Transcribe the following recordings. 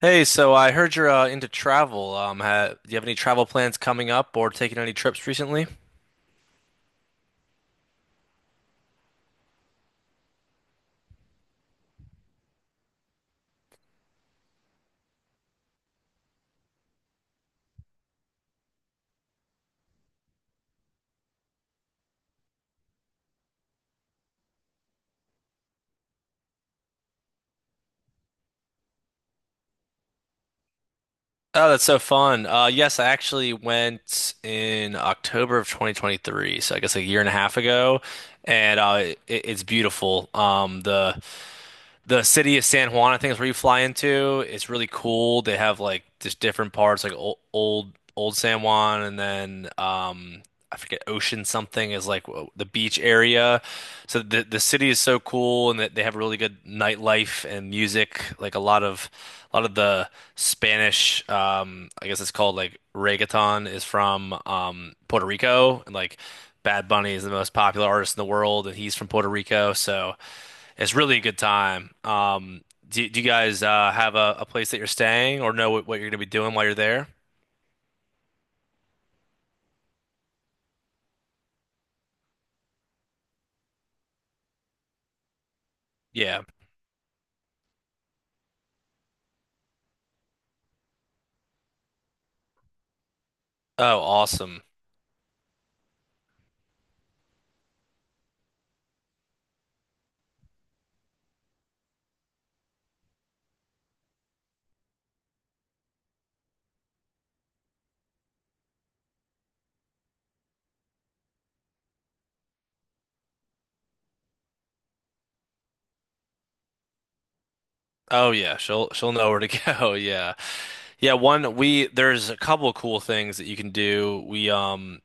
Hey, so I heard you're into travel. Ha Do you have any travel plans coming up or taking any trips recently? Oh, that's so fun. Yes, I actually went in October of 2023, so I guess a year and a half ago, and it's beautiful. The city of San Juan, I think, is where you fly into. It's really cool. They have like just different parts, like old San Juan, and then I forget Ocean something is like the beach area. So the city is so cool, and that they have really good nightlife and music. Like a lot of the Spanish, I guess it's called like reggaeton, is from Puerto Rico, and like Bad Bunny is the most popular artist in the world, and he's from Puerto Rico, so. It's really a good time. Do you guys have a place that you're staying or know what you're gonna be doing while you're there? Yeah. Oh, awesome. Oh yeah, she'll know where to go. Yeah. Yeah, one we there's a couple of cool things that you can do. We um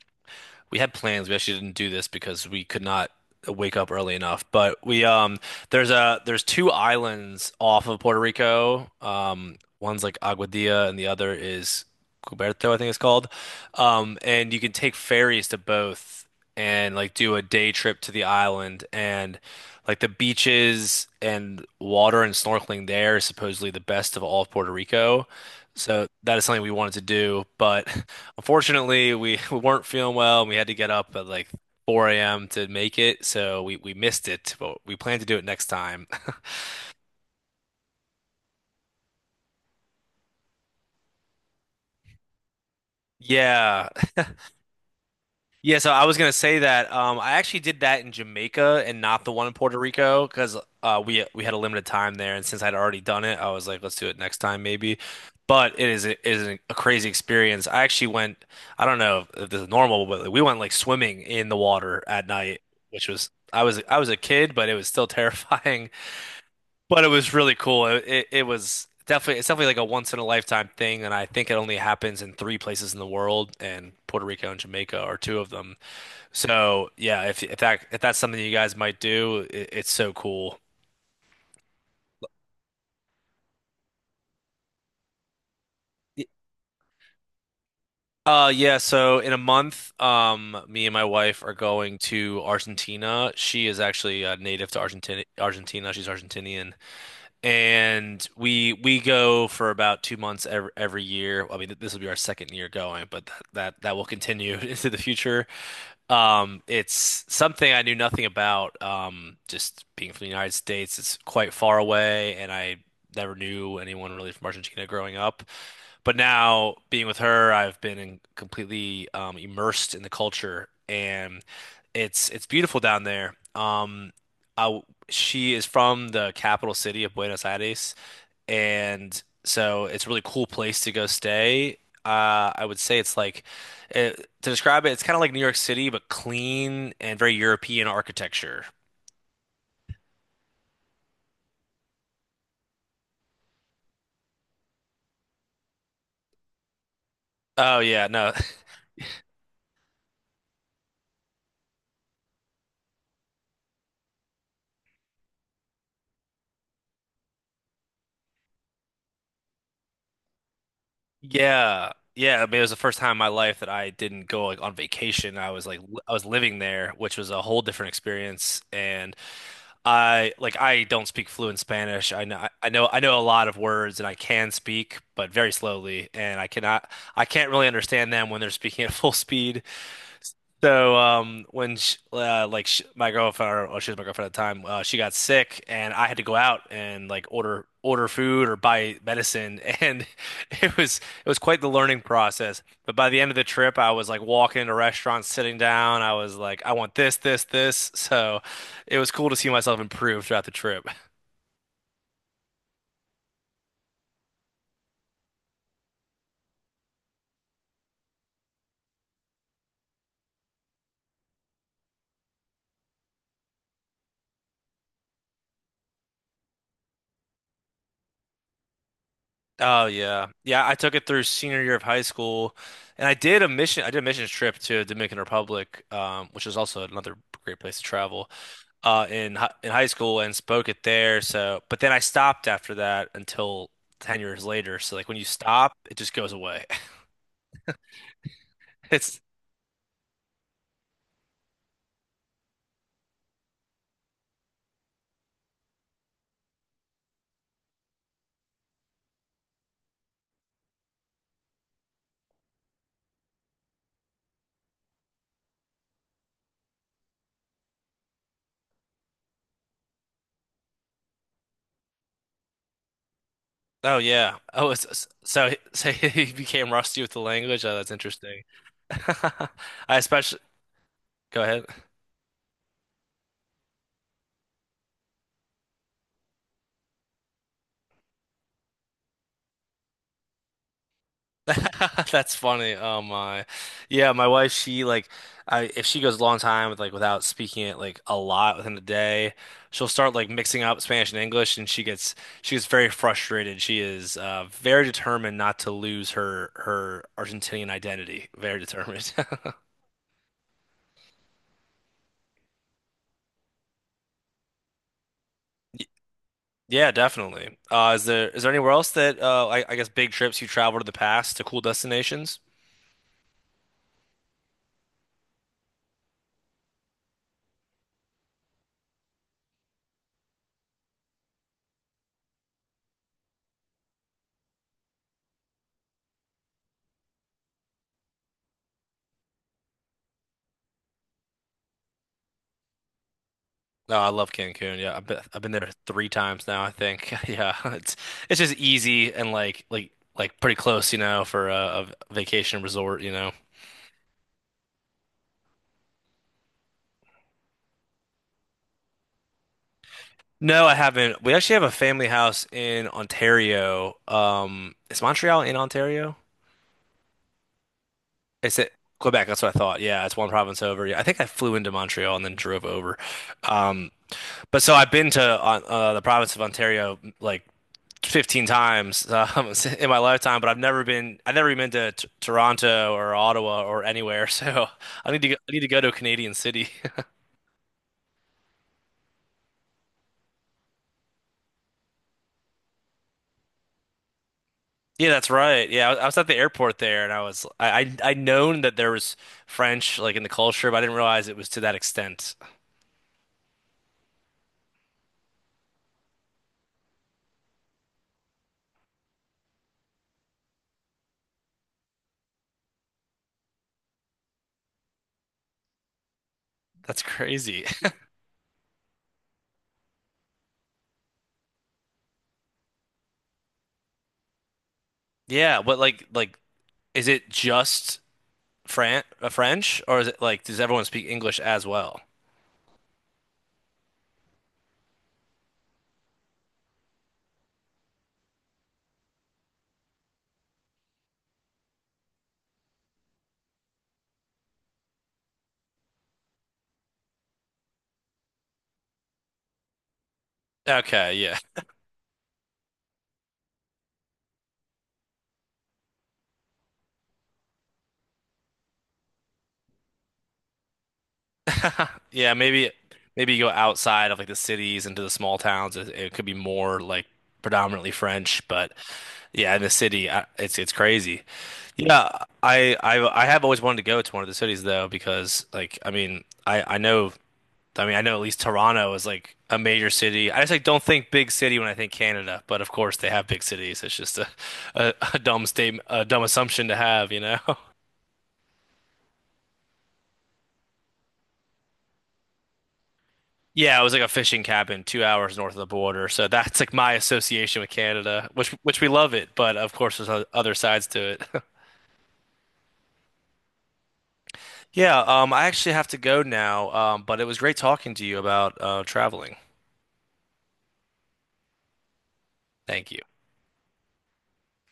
we had plans. We actually didn't do this because we could not wake up early enough. But we there's a there's two islands off of Puerto Rico. One's like Aguadilla and the other is Cuberto, I think it's called. And you can take ferries to both and like do a day trip to the island, and like the beaches and water and snorkeling there is supposedly the best of all of Puerto Rico. So that is something we wanted to do, but unfortunately, we weren't feeling well and we had to get up at like 4 a.m. to make it, so we missed it, but we plan to do it next time. Yeah. Yeah, so I was gonna say that I actually did that in Jamaica and not the one in Puerto Rico because we had a limited time there, and since I'd already done it, I was like, let's do it next time maybe. But is a crazy experience. I actually went, I don't know if this is normal, but like, we went like swimming in the water at night, which was I was a kid, but it was still terrifying. But it was really cool. It was definitely it's definitely like a once in a lifetime thing, and I think it only happens in three places in the world, and Puerto Rico and Jamaica are two of them. So yeah, if that's something you guys might do, it's so cool. Y- yeah, so in a month, me and my wife are going to Argentina. She is actually native to Argentina. Argentina, she's Argentinian, and we go for about 2 months every year. I mean, this will be our second year going, but that will continue into the future. It's something I knew nothing about. Just being from the United States, it's quite far away, and I never knew anyone really from Argentina growing up. But now being with her, I've been completely immersed in the culture, and it's beautiful down there. I, she is from the capital city of Buenos Aires, and so it's a really cool place to go stay. I would say it's like to describe it, it's kind of like New York City, but clean and very European architecture. Oh yeah, no, yeah. I mean, it was the first time in my life that I didn't go like on vacation. I was like, I was living there, which was a whole different experience, and I don't speak fluent Spanish. I know a lot of words and I can speak, but very slowly, and I can't really understand them when they're speaking at full speed. So when sh like sh my girlfriend, or, well, she was my girlfriend at the time, she got sick, and I had to go out and like order food or buy medicine, and it was it was quite the learning process. But by the end of the trip, I was like walking into restaurants, sitting down. I was like, I want this, this, this. So it was cool to see myself improve throughout the trip. Oh yeah. Yeah, I took it through senior year of high school, and I did a missions trip to Dominican Republic, which is also another great place to travel. In high school and spoke it there. So, but then I stopped after that until 10 years later. So like when you stop, it just goes away. It's Oh yeah. Oh, it's, so so he became rusty with the language. Oh, that's interesting. I especially go. That's funny. Oh my. Yeah, my wife, she like, I if she goes a long time with like without speaking it like a lot within the day, she'll start like mixing up Spanish and English and she gets very frustrated. She is very determined not to lose her Argentinian identity. Very determined. Y- Yeah, definitely. Is there anywhere else that I guess big trips you travel to the past to cool destinations? No, I love Cancun. Yeah, I've been there three times now, I think. Yeah, it's just easy and like pretty close, you know, for a vacation resort, you know. No, I haven't. We actually have a family house in Ontario. Is Montreal in Ontario? It's it Quebec, that's what I thought. Yeah, it's one province over. Yeah, I think I flew into Montreal and then drove over. Um, but so I've been to the province of Ontario like 15 times in my lifetime, but I've never even been to t Toronto or Ottawa or anywhere. So I need to go to a Canadian city. Yeah, that's right. Yeah, I was at the airport there, and I'd known that there was French like in the culture, but I didn't realize it was to that extent. That's crazy. Yeah, but is it just Fran French, or is it like does everyone speak English as well? Okay, yeah. Yeah, maybe you go outside of like the cities into the small towns. It could be more like predominantly French, but yeah, in the city, it's crazy. Yeah, I have always wanted to go to one of the cities though because like I know I know at least Toronto is like a major city. I just like don't think big city when I think Canada, but of course they have big cities. It's just a dumb statement, a dumb assumption to have, you know? Yeah, it was like a fishing cabin 2 hours north of the border. So that's like my association with Canada, which we love it, but of course there's other sides to it. Yeah, I actually have to go now, but it was great talking to you about traveling. Thank you.